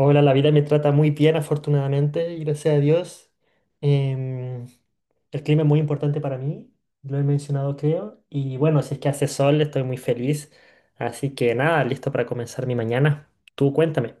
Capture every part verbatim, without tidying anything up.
Hola, la vida me trata muy bien, afortunadamente, y gracias a Dios. Em, el clima es muy importante para mí, lo he mencionado creo, y bueno, si es que hace sol, estoy muy feliz. Así que nada, listo para comenzar mi mañana. Tú cuéntame.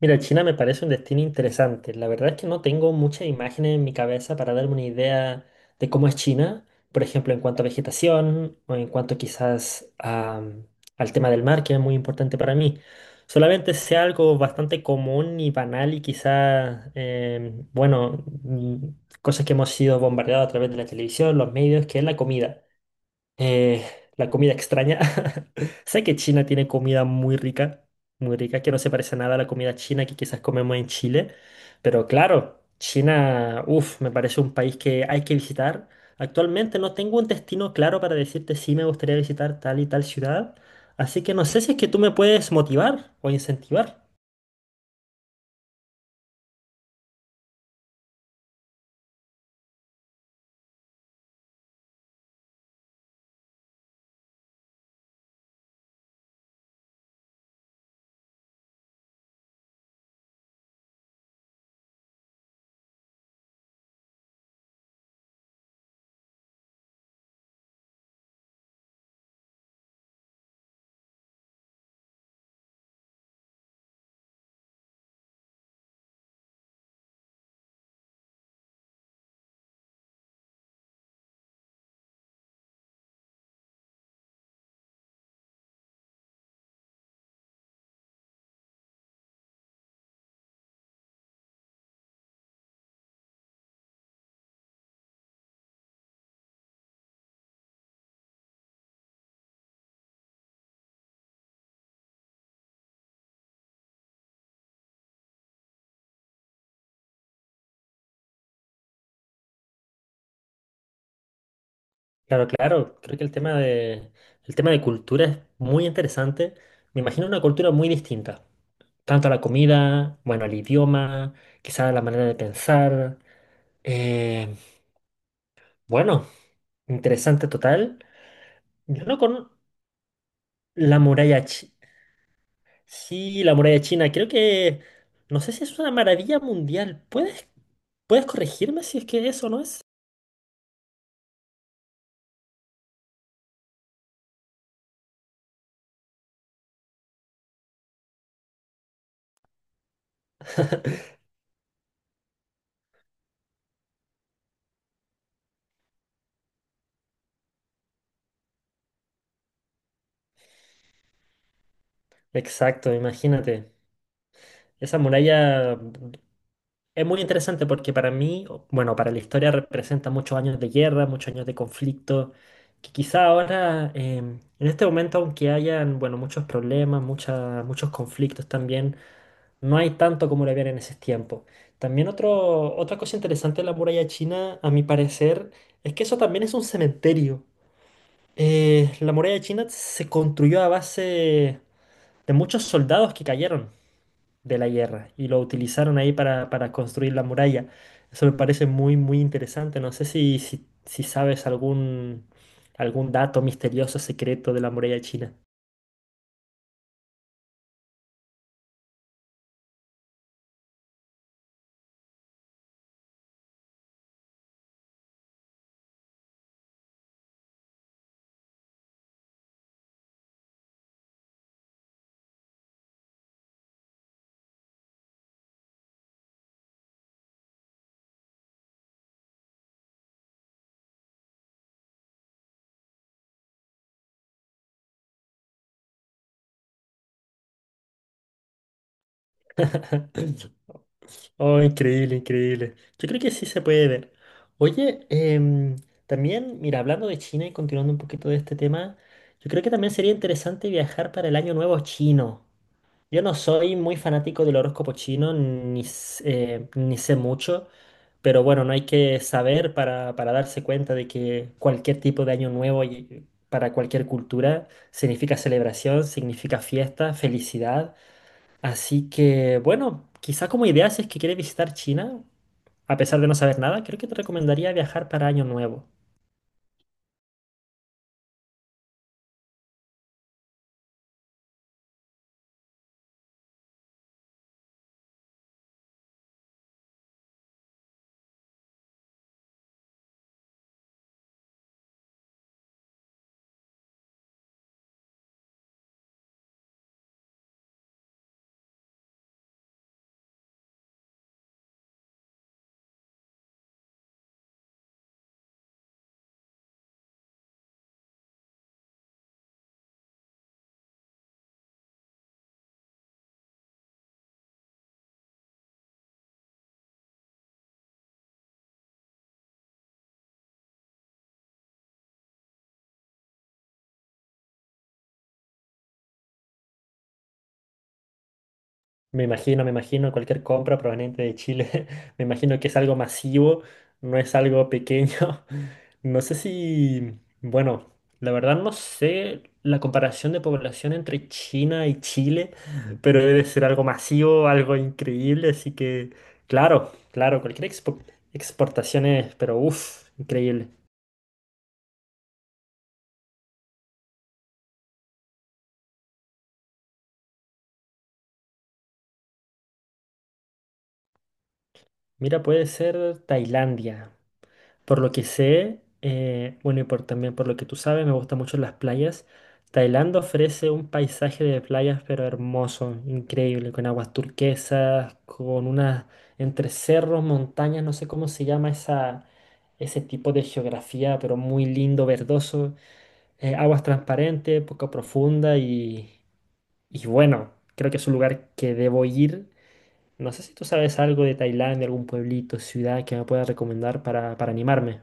Mira, China me parece un destino interesante. La verdad es que no tengo muchas imágenes en mi cabeza para darme una idea de cómo es China, por ejemplo, en cuanto a vegetación o en cuanto quizás a, al tema del mar, que es muy importante para mí. Solamente sé algo bastante común y banal y quizás, eh, bueno, mm, cosas que hemos sido bombardeados a través de la televisión, los medios, que es la comida. Eh, la comida extraña. Sé que China tiene comida muy rica, muy rica, que no se parece nada a la comida china que quizás comemos en Chile. Pero claro, China, uff, me parece un país que hay que visitar. Actualmente no tengo un destino claro para decirte si me gustaría visitar tal y tal ciudad. Así que no sé si es que tú me puedes motivar o incentivar. Claro, claro, creo que el tema de, el tema de cultura es muy interesante. Me imagino una cultura muy distinta. Tanto la comida, bueno, el idioma, quizás la manera de pensar. Eh, bueno, interesante total. Yo no con la muralla china. Sí, la muralla china. Creo que, no sé si es una maravilla mundial. ¿Puedes, puedes corregirme si es que eso no es? Exacto, imagínate. Esa muralla es muy interesante porque para mí, o- bueno, para la historia representa muchos años de guerra, muchos años de conflicto, que quizá ahora, em, en este momento, aunque hayan, bueno, muchos problemas, mucha- muchos conflictos también, no hay tanto como lo había en ese tiempo. También otro, otra cosa interesante de la muralla china, a mi parecer, es que eso también es un cementerio. Eh, la muralla china se construyó a base de muchos soldados que cayeron de la guerra y lo utilizaron ahí para, para construir la muralla. Eso me parece muy, muy interesante. No sé si, si, si sabes algún, algún dato misterioso, secreto de la muralla china. Oh, increíble, increíble. Yo creo que sí se puede ver. Oye, em, también, mira, hablando de China y continuando un poquito de este tema, yo creo que también sería interesante viajar para el Año Nuevo chino. Yo no soy muy fanático del horóscopo chino, ni, s- eh, ni sé mucho, pero bueno, no hay que saber para, para darse cuenta de que cualquier tipo de año nuevo y- para cualquier cultura significa celebración, significa fiesta, felicidad. Así que bueno, quizá como idea si es que quieres visitar China, a pesar de no saber nada, creo que te recomendaría viajar para año nuevo. Me imagino, me imagino cualquier compra proveniente de Chile. Me imagino que es algo masivo, no es algo pequeño. No sé si, bueno, la verdad no sé la comparación de población entre China y Chile, pero debe ser algo masivo, algo increíble. Así que, claro, claro, cualquier expo- exportación es, pero uff, increíble. Mira, puede ser Tailandia. Por lo que sé, eh, bueno, y por, también por lo que tú sabes, me gustan mucho las playas. Tailandia ofrece un paisaje de playas, pero hermoso, increíble, con aguas turquesas, con unas entre cerros, montañas, no sé cómo se llama esa, ese tipo de geografía, pero muy lindo, verdoso, eh, aguas transparentes, poco profunda y, y bueno, creo que es un lugar que debo ir. No sé si tú sabes algo de Tailandia, algún pueblito, ciudad que me pueda recomendar para, para animarme.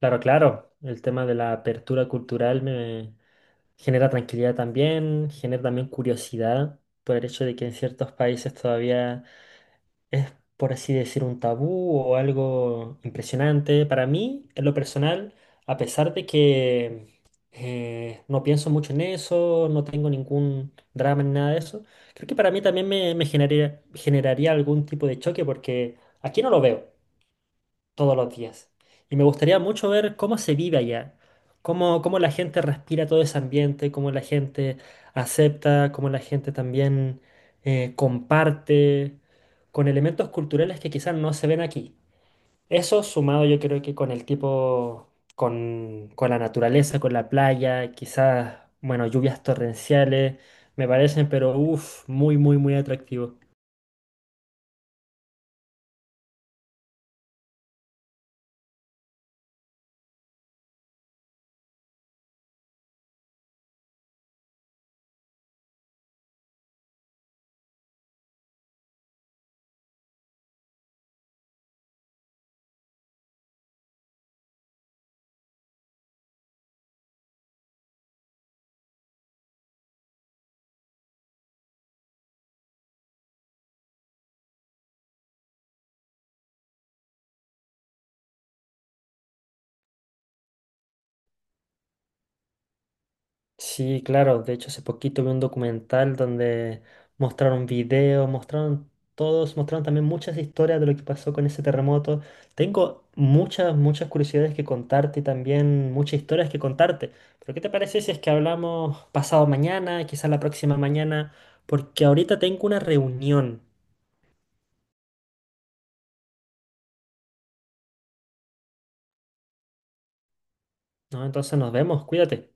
Claro, claro. El tema de la apertura cultural me genera tranquilidad también, genera también curiosidad por el hecho de que en ciertos países todavía, por así decir, un tabú o algo impresionante. Para mí, en lo personal, a pesar de que eh, no pienso mucho en eso, no tengo ningún drama ni nada de eso, creo que para mí también me, me generaría, generaría algún tipo de choque porque aquí no lo veo todos los días. Y me gustaría mucho ver cómo se vive allá, cómo, cómo la gente respira todo ese ambiente, cómo la gente acepta, cómo la gente también eh, comparte con elementos culturales que quizás no se ven aquí. Eso sumado yo creo que con el tipo, con, con la naturaleza, con la playa, quizás, bueno, lluvias torrenciales, me parecen, pero uff, muy, muy, muy atractivo. Sí, claro. De hecho, hace poquito vi un documental donde mostraron videos, mostraron todos, mostraron también muchas historias de lo que pasó con ese terremoto. Tengo muchas, muchas curiosidades que contarte y también muchas historias que contarte. Pero ¿qué te parece si es que hablamos pasado mañana, quizás la próxima mañana? Porque ahorita tengo una reunión, ¿no? Entonces nos vemos, cuídate.